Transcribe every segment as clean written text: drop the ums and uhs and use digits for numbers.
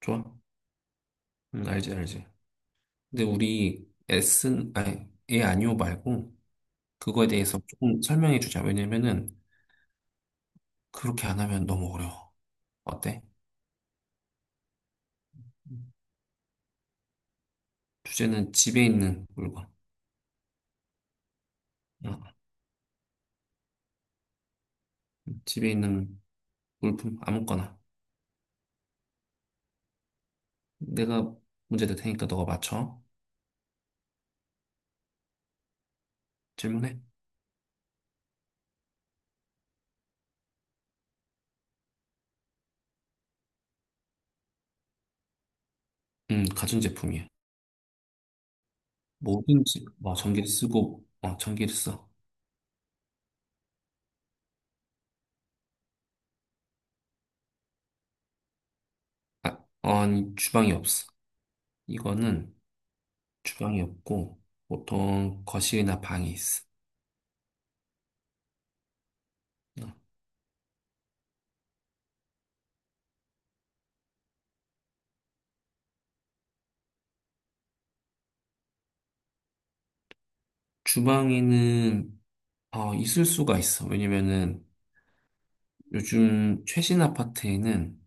좋아? 응, 알지, 알지. 근데 우리 S, 아니, 예, 아니오 말고 그거에 대해서 조금 설명해 주자. 왜냐면은 그렇게 안 하면 너무 어려워. 어때? 주제는 집에 있는 물건. 어, 집에 있는 물품, 아무거나. 내가 문제 낼 테니까 너가 맞춰. 질문해. 가전제품이야. 뭐든지, 뭐, 전기를 쓰고, 전기를 써. 아, 아니, 주방이 없어. 이거는 주방이 없고, 보통 거실이나 방에 있어. 어. 주방에는 있을 수가 있어. 왜냐면은 요즘 최신 아파트에는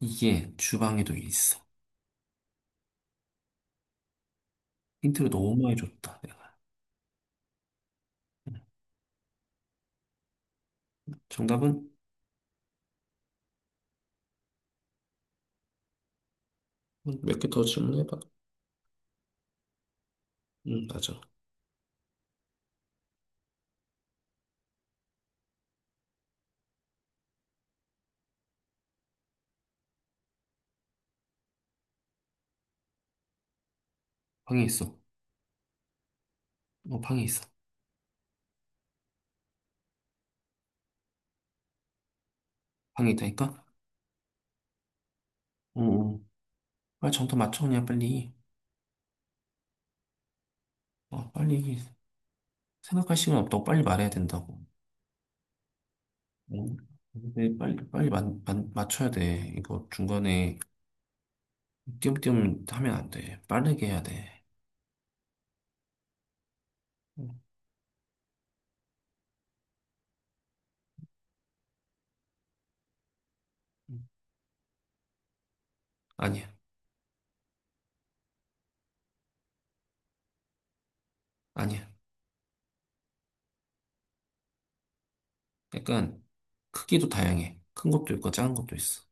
이게 주방에도 있어. 힌트를 너무 많이 줬다, 내가. 정답은 몇 개 더 질문해봐. 응, 맞아. 방에 있어. 방에 있어. 방에 있다니까? 응, 응. 빨리 정답 맞춰, 그냥 빨리. 빨리. 생각할 시간 없다고 빨리 말해야 된다고. 응? 근데 빨리, 빨리 맞춰야 돼. 이거 중간에 띄엄띄엄 하면 안 돼. 빠르게 해야 돼. 응, 응. 아니야. 아니야. 약간 크기도 다양해. 큰 것도 있고 작은 것도 있어.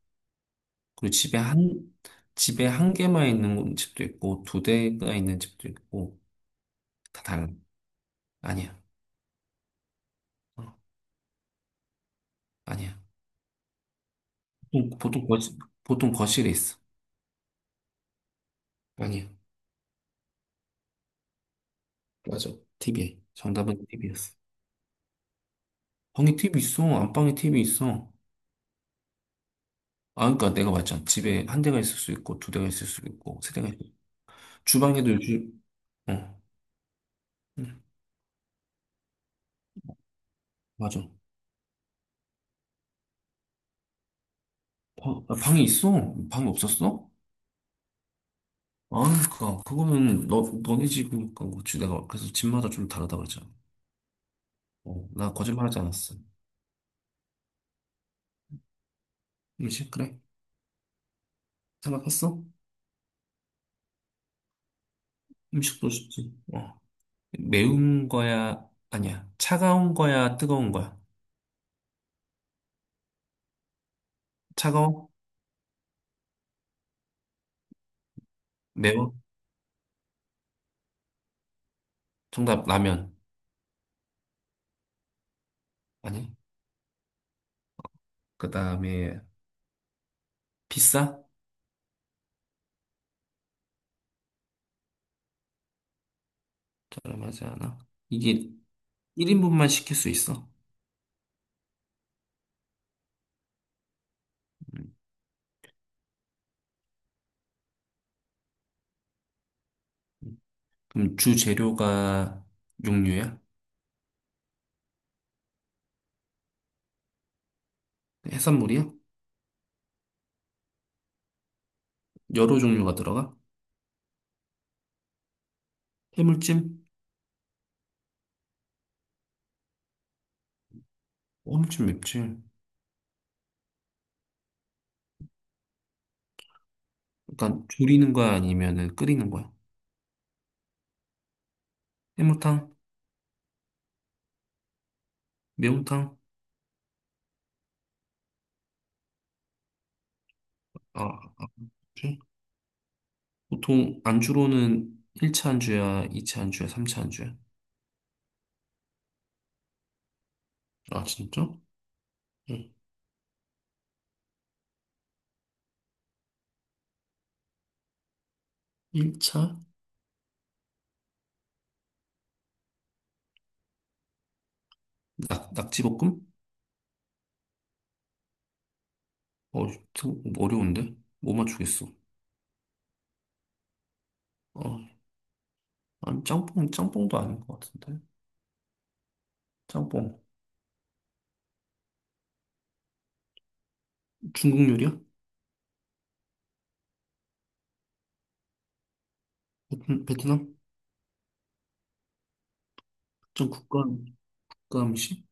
그리고 집에 한 개만 있는 집도 있고 두 대가 있는 집도 있고 다 달라. 아니야. 어, 아니야. 보통, 보통 거실, 보통 거실에 있어. 아니야. 맞아. t v 정답은 TV였어. 방에 TV 있어. 안방에 TV 있어. 아, 그러니까 내가 맞잖아. 집에 한 대가 있을 수 있고 두 대가 있을 수 있고 세 대가 있을 수 있고 주방에도 요즘 어, 응, 맞아. 방에 있어. 방에 없었어? 아니, 그니까, 그거는, 너네 집, 그니까, 그지 내가, 그래서 집마다 좀 다르다고 그랬잖아. 어, 나 거짓말하지 않았어. 그식 그래? 생각했어? 음식도 쉽지. 어. 매운 거야? 아니야. 차가운 거야? 뜨거운 거야? 차가워? 매워? 정답, 라면. 아니. 그 다음에, 비싸? 저렴하지 않아? 이게 1인분만 시킬 수 있어. 음. 그럼 주 재료가 육류야? 해산물이야? 여러 종류가 들어가? 해물찜? 엄청 맵지. 그러니까 조리는 거야 아니면은 끓이는 거야? 해물탕? 매운탕? 아, 아, 그치? 보통 안주로는 1차 안주야, 2차 안주야, 3차 안주야. 아, 진짜? 응. 1차? 낙지볶음? 어, 어려운데? 뭐 맞추겠어. 어, 아니, 짬뽕도 아닌 것 같은데? 짬뽕. 중국 요리야? 베트남? 좀 국가, 국가 음식?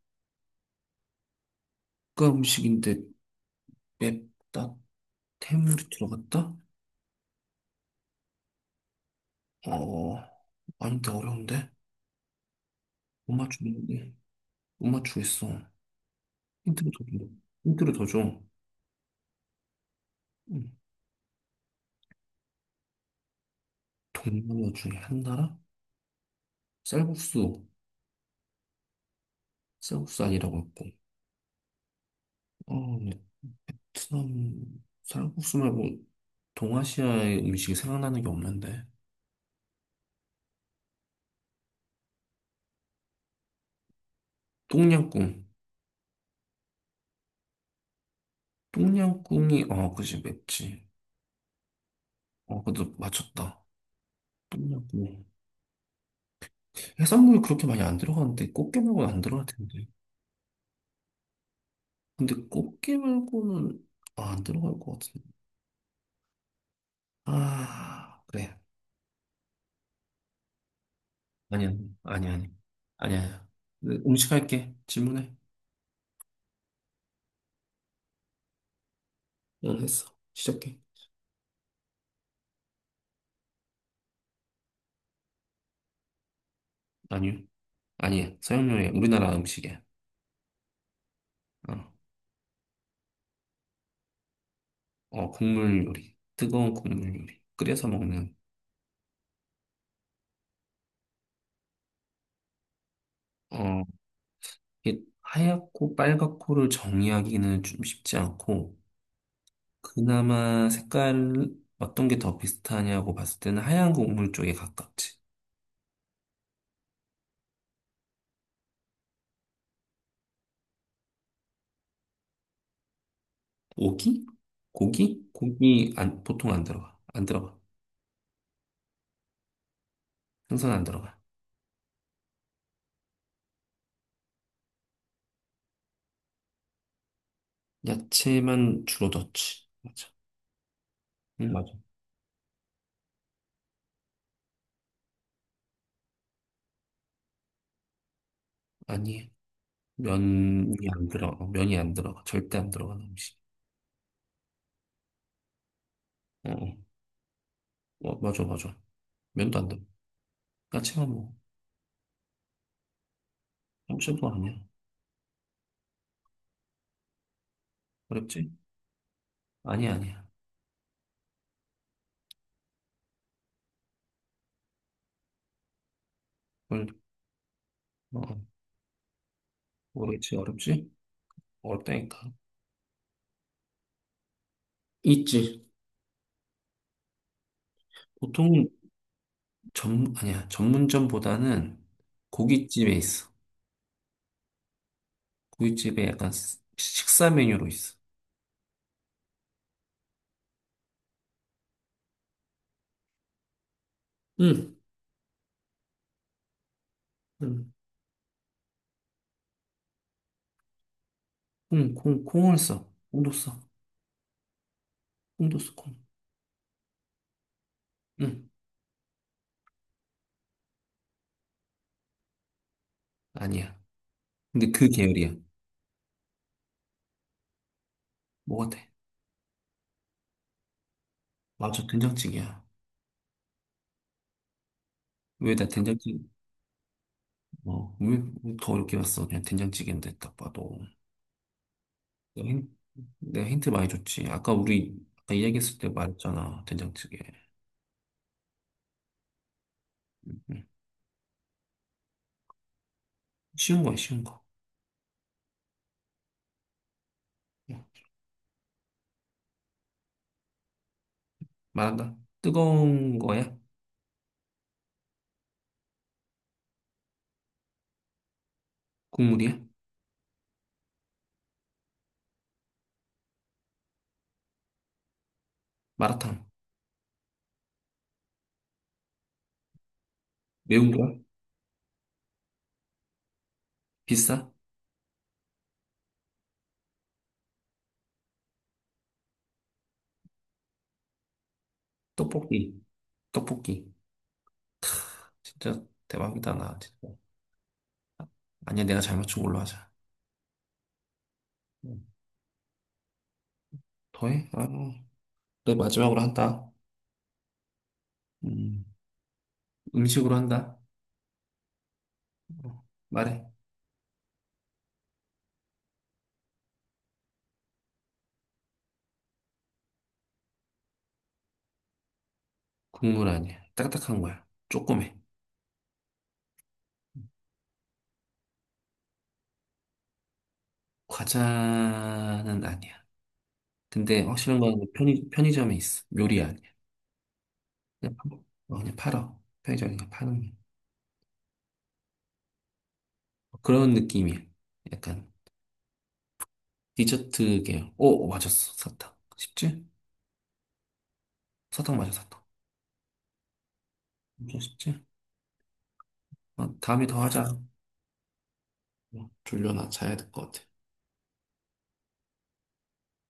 국가 음식인데 맵다? 해물이 들어갔다? 어, 아닌데, 어려운데? 못 맞추겠는데? 못 맞추겠어. 힌트를 더 줘. 힌트를 더 줘. 음, 동남아 중에 한 나라? 쌀국수. 쌀국수 아니라고 했고. 어, 베트남, 쌀국수 말고 동아시아의 음식이 생각나는 게 없는데. 똠양꿍. 똠양꿍이, 그지, 맵지. 어, 그래도 맞췄다. 똠양꿍. 해산물이 그렇게 많이 안 들어가는데, 꽃게 말고는 안 들어갈 텐데. 근데 꽃게 말고는, 아, 안 들어갈 것 같은데. 아, 그래. 아니야, 아니야, 아니야. 아니야. 음식 할게. 질문해. 응, 했어. 시작해. 아니요. 아니야. 서양 요리, 우리나라 음식이야. 어, 국물 요리. 뜨거운 국물 요리. 끓여서 먹는. 어, 이게 하얗고 빨갛고를 정의하기는 좀 쉽지 않고, 그나마 색깔, 어떤 게 더 비슷하냐고 봤을 때는 하얀 국물 쪽에 가깝지. 고기? 고기? 고기 안, 보통 안 들어가. 안 들어가. 생선 안 들어가. 야채만 주로 넣지. 맞아. 응, 맞아. 아니, 면이 안 들어가. 면이 안 들어가. 절대 안 들어가는 음식. 어, 어, 어, 맞아, 맞아. 면도 안 들어. 야채만 뭐, 엄청도 아니야. 어렵지? 아니야, 아니야. 뭘, 어, 모르겠지. 어렵지? 어렵다니까. 있지. 보통은 아니야. 전문점보다는 고깃집에 있어. 고깃집에 약간 식사 메뉴로 있어. 응, 응, 콩을 써. 콩도 써. 콩도 써, 콩. 응. 아니야. 근데 그 계열이야. 뭐가 돼? 맞아, 된장찌개야. 왜 나 된장찌개, 왜더 어렵게 봤어? 그냥 된장찌개인데 딱 봐도. 내가 힌- 내가 힌트 많이 줬지. 아까 이야기했을 때 말했잖아. 된장찌개. 응. 쉬운 거야, 쉬운 거. 응. 말한다. 뜨거운 거야? 국물이야? 마라탕. 매운 거야? 비싸? 떡볶이. 떡볶이. 진짜 대박이다, 나 진짜. 아니야, 내가 잘 맞춘 걸로 하자. 응. 더해? 아, 내 마지막으로 한다. 음. 음식으로 한다. 어, 말해. 국물 아니야. 딱딱한 거야. 조그매. 과자는 아니야. 근데 확실한 건 편의점에 있어. 요리 아니야. 그냥, 그냥 팔아. 편의점에 그냥 파는 거야. 그런 느낌이야. 약간 디저트 계열. 오, 오, 맞았어. 사탕. 쉽지? 사탕 맞아, 사탕. 엄청 쉽지? 어, 다음에 더 하자. 어, 졸려, 나 자야 될 것 같아.